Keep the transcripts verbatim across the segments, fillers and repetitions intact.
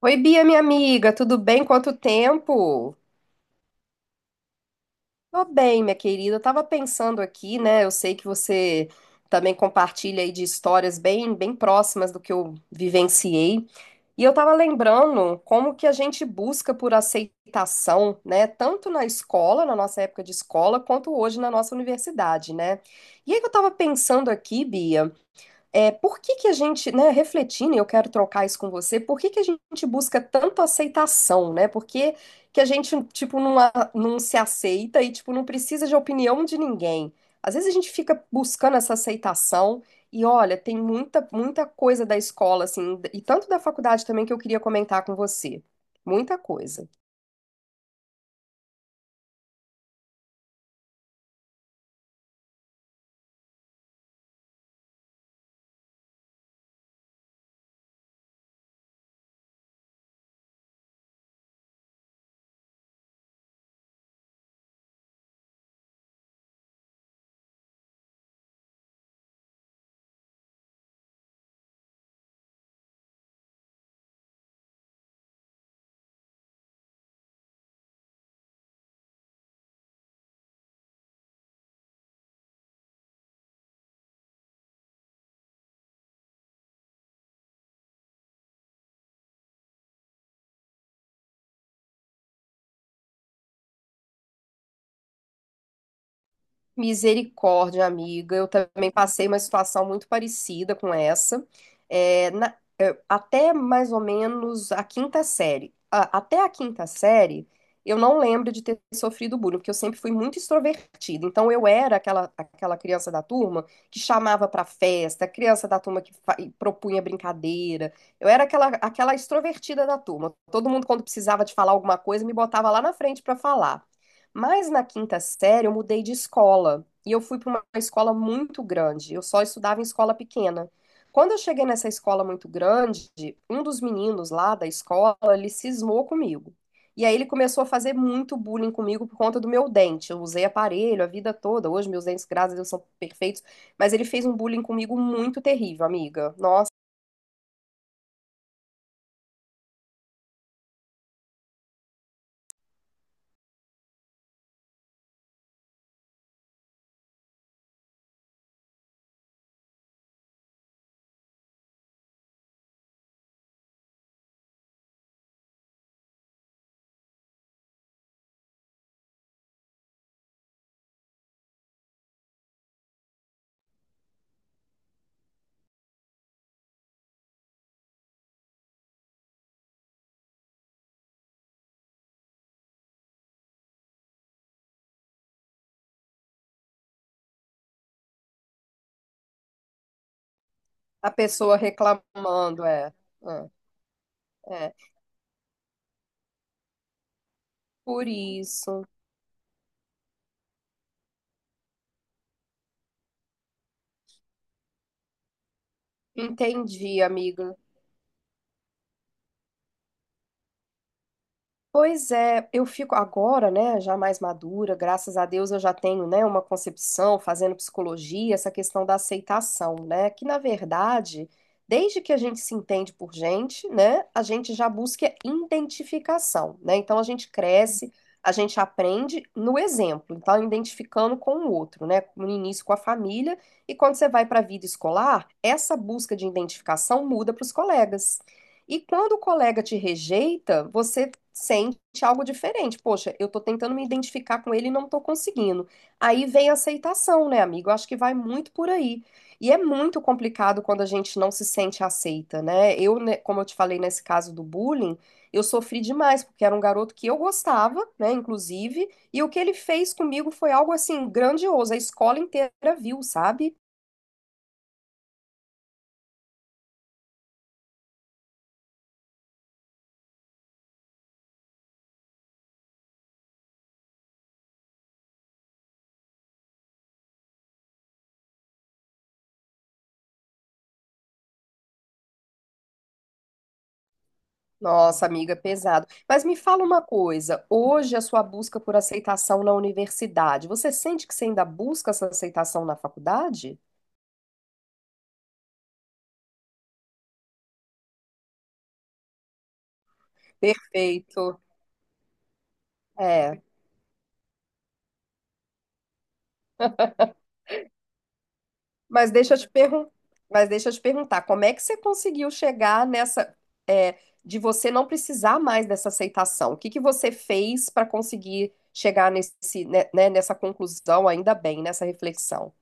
Oi, Bia, minha amiga, tudo bem? Quanto tempo? Tô bem, minha querida. Eu tava pensando aqui, né? Eu sei que você também compartilha aí de histórias bem, bem próximas do que eu vivenciei. E eu tava lembrando como que a gente busca por aceitação, né? Tanto na escola, na nossa época de escola, quanto hoje na nossa universidade, né? E aí que eu tava pensando aqui, Bia. É, por que que a gente, né, refletindo, e eu quero trocar isso com você, por que que a gente busca tanto aceitação, né? Por que que a gente, tipo, não, a- não se aceita e, tipo, não precisa de opinião de ninguém? Às vezes a gente fica buscando essa aceitação e, olha, tem muita, muita coisa da escola, assim, e tanto da faculdade também que eu queria comentar com você. Muita coisa. Misericórdia, amiga. Eu também passei uma situação muito parecida com essa. É, na- é, até mais ou menos a quinta série. A- até a quinta série, eu não lembro de ter sofrido bullying, porque eu sempre fui muito extrovertida. Então, eu era aquela, aquela criança da turma que chamava pra festa, criança da turma que fa- e propunha brincadeira. Eu era aquela, aquela extrovertida da turma. Todo mundo, quando precisava de falar alguma coisa, me botava lá na frente pra falar. Mas na quinta série eu mudei de escola e eu fui para uma escola muito grande. Eu só estudava em escola pequena. Quando eu cheguei nessa escola muito grande, um dos meninos lá da escola, ele cismou comigo. E aí ele começou a fazer muito bullying comigo por conta do meu dente. Eu usei aparelho a vida toda. Hoje meus dentes, graças a Deus, são perfeitos, mas ele fez um bullying comigo muito terrível, amiga. Nossa, a pessoa reclamando, é. É, é. Por isso. Entendi, amiga. Pois é, eu fico agora, né, já mais madura, graças a Deus eu já tenho, né, uma concepção fazendo psicologia, essa questão da aceitação, né, que na verdade, desde que a gente se entende por gente, né, a gente já busca identificação, né? Então a gente cresce, a gente aprende no exemplo, então identificando com o outro, né, no início com a família, e quando você vai para a vida escolar, essa busca de identificação muda para os colegas. E quando o colega te rejeita, você sente algo diferente. Poxa, eu tô tentando me identificar com ele e não tô conseguindo. Aí vem a aceitação, né, amigo? Eu acho que vai muito por aí. E é muito complicado quando a gente não se sente aceita, né? Eu, né, como eu te falei nesse caso do bullying, eu sofri demais, porque era um garoto que eu gostava, né, inclusive, e o que ele fez comigo foi algo assim grandioso. A escola inteira viu, sabe? Nossa, amiga, é pesado. Mas me fala uma coisa, hoje a sua busca por aceitação na universidade, você sente que você ainda busca essa aceitação na faculdade? Perfeito. É, mas deixa eu te pergun- mas deixa eu te perguntar, como é que você conseguiu chegar nessa, é, de você não precisar mais dessa aceitação? O que que você fez para conseguir chegar nesse, né, né, nessa conclusão, ainda bem, nessa reflexão?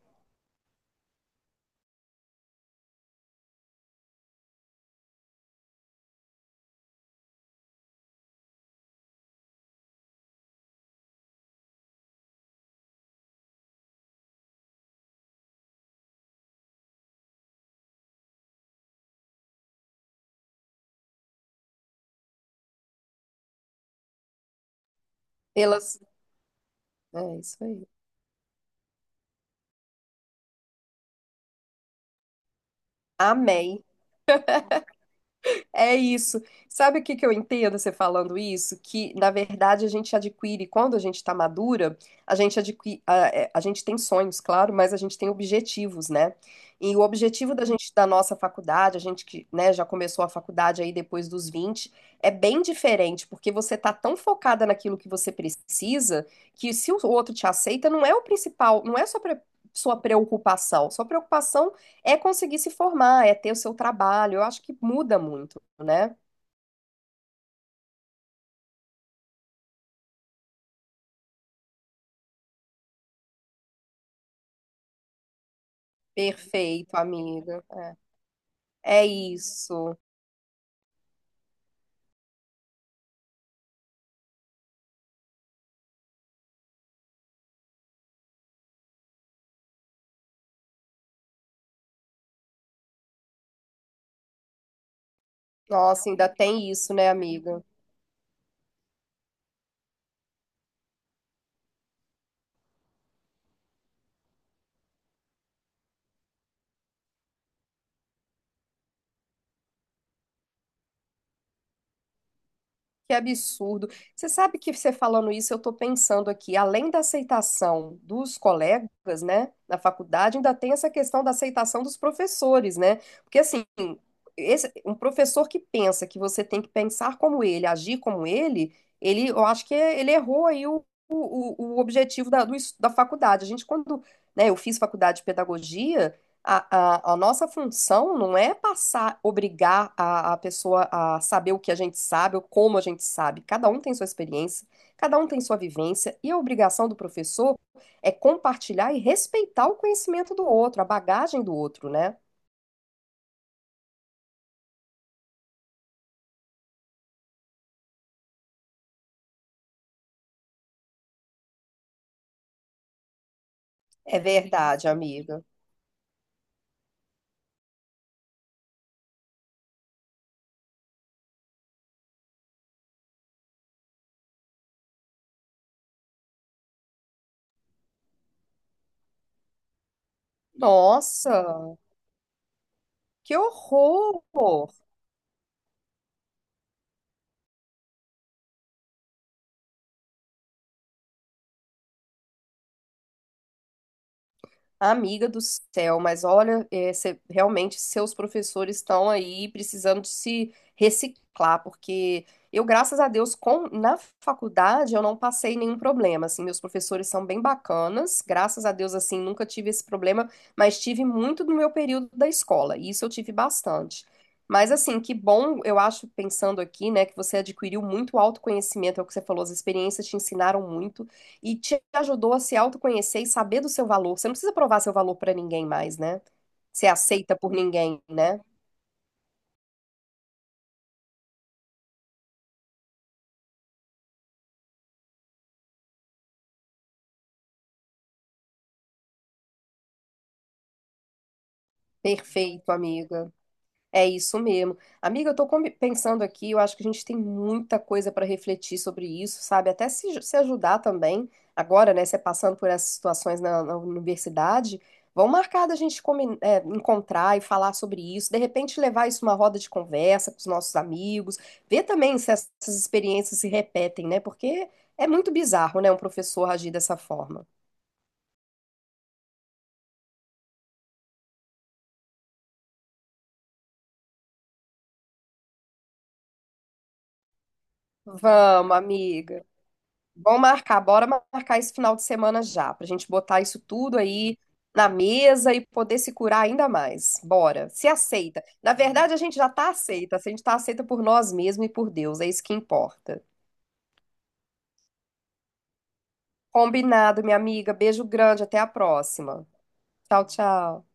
Pelas, é isso aí. Amém. É isso. Sabe o que que eu entendo você falando isso? Que, na verdade, a gente adquire, quando a gente está madura, a gente adquire, a, é, a gente tem sonhos, claro, mas a gente tem objetivos, né? E o objetivo da gente, da nossa faculdade, a gente que, né, já começou a faculdade aí depois dos vinte é bem diferente, porque você tá tão focada naquilo que você precisa, que se o outro te aceita, não é o principal, não é só pre- sua preocupação. Sua preocupação é conseguir se formar, é ter o seu trabalho. Eu acho que muda muito, né? Perfeito, amiga. É, é isso. Nossa, ainda tem isso, né, amiga? Que absurdo. Você sabe que você falando isso, eu estou pensando aqui, além da aceitação dos colegas, né, na faculdade, ainda tem essa questão da aceitação dos professores, né? Porque assim, esse- um professor que pensa que você tem que pensar como ele, agir como ele, ele, eu acho que ele errou aí o, o, o objetivo da, do es- da faculdade. A gente, quando, né, eu fiz faculdade de pedagogia, a, a, a nossa função não é passar, obrigar a, a pessoa a saber o que a gente sabe ou como a gente sabe. Cada um tem sua experiência, cada um tem sua vivência, e a obrigação do professor é compartilhar e respeitar o conhecimento do outro, a bagagem do outro, né? É verdade, amiga. Nossa, que horror! Amiga do céu, mas olha, é, cê- realmente seus professores estão aí precisando de se reciclar, porque eu, graças a Deus, com, na faculdade eu não passei nenhum problema, assim, meus professores são bem bacanas, graças a Deus, assim, nunca tive esse problema, mas tive muito no meu período da escola, e isso eu tive bastante. Mas, assim, que bom, eu acho, pensando aqui, né, que você adquiriu muito autoconhecimento, é o que você falou, as experiências te ensinaram muito e te ajudou a se autoconhecer e saber do seu valor. Você não precisa provar seu valor para ninguém mais, né? Ser aceita por ninguém, né? Perfeito, amiga. É isso mesmo. Amiga, eu tô com- pensando aqui, eu acho que a gente tem muita coisa para refletir sobre isso, sabe? Até se, se ajudar também, agora, né? Você passando por essas situações na, na universidade, vão marcar da gente comi- é, encontrar e falar sobre isso, de repente levar isso numa roda de conversa com os nossos amigos, ver também se essas experiências se repetem, né? Porque é muito bizarro, né? Um professor agir dessa forma. Vamos, amiga. Vamos marcar, bora marcar esse final de semana já, pra gente botar isso tudo aí na mesa e poder se curar ainda mais. Bora, se aceita. Na verdade, a gente já tá aceita, a gente tá aceita por nós mesmos e por Deus, é isso que importa. Combinado, minha amiga. Beijo grande, até a próxima. Tchau, tchau.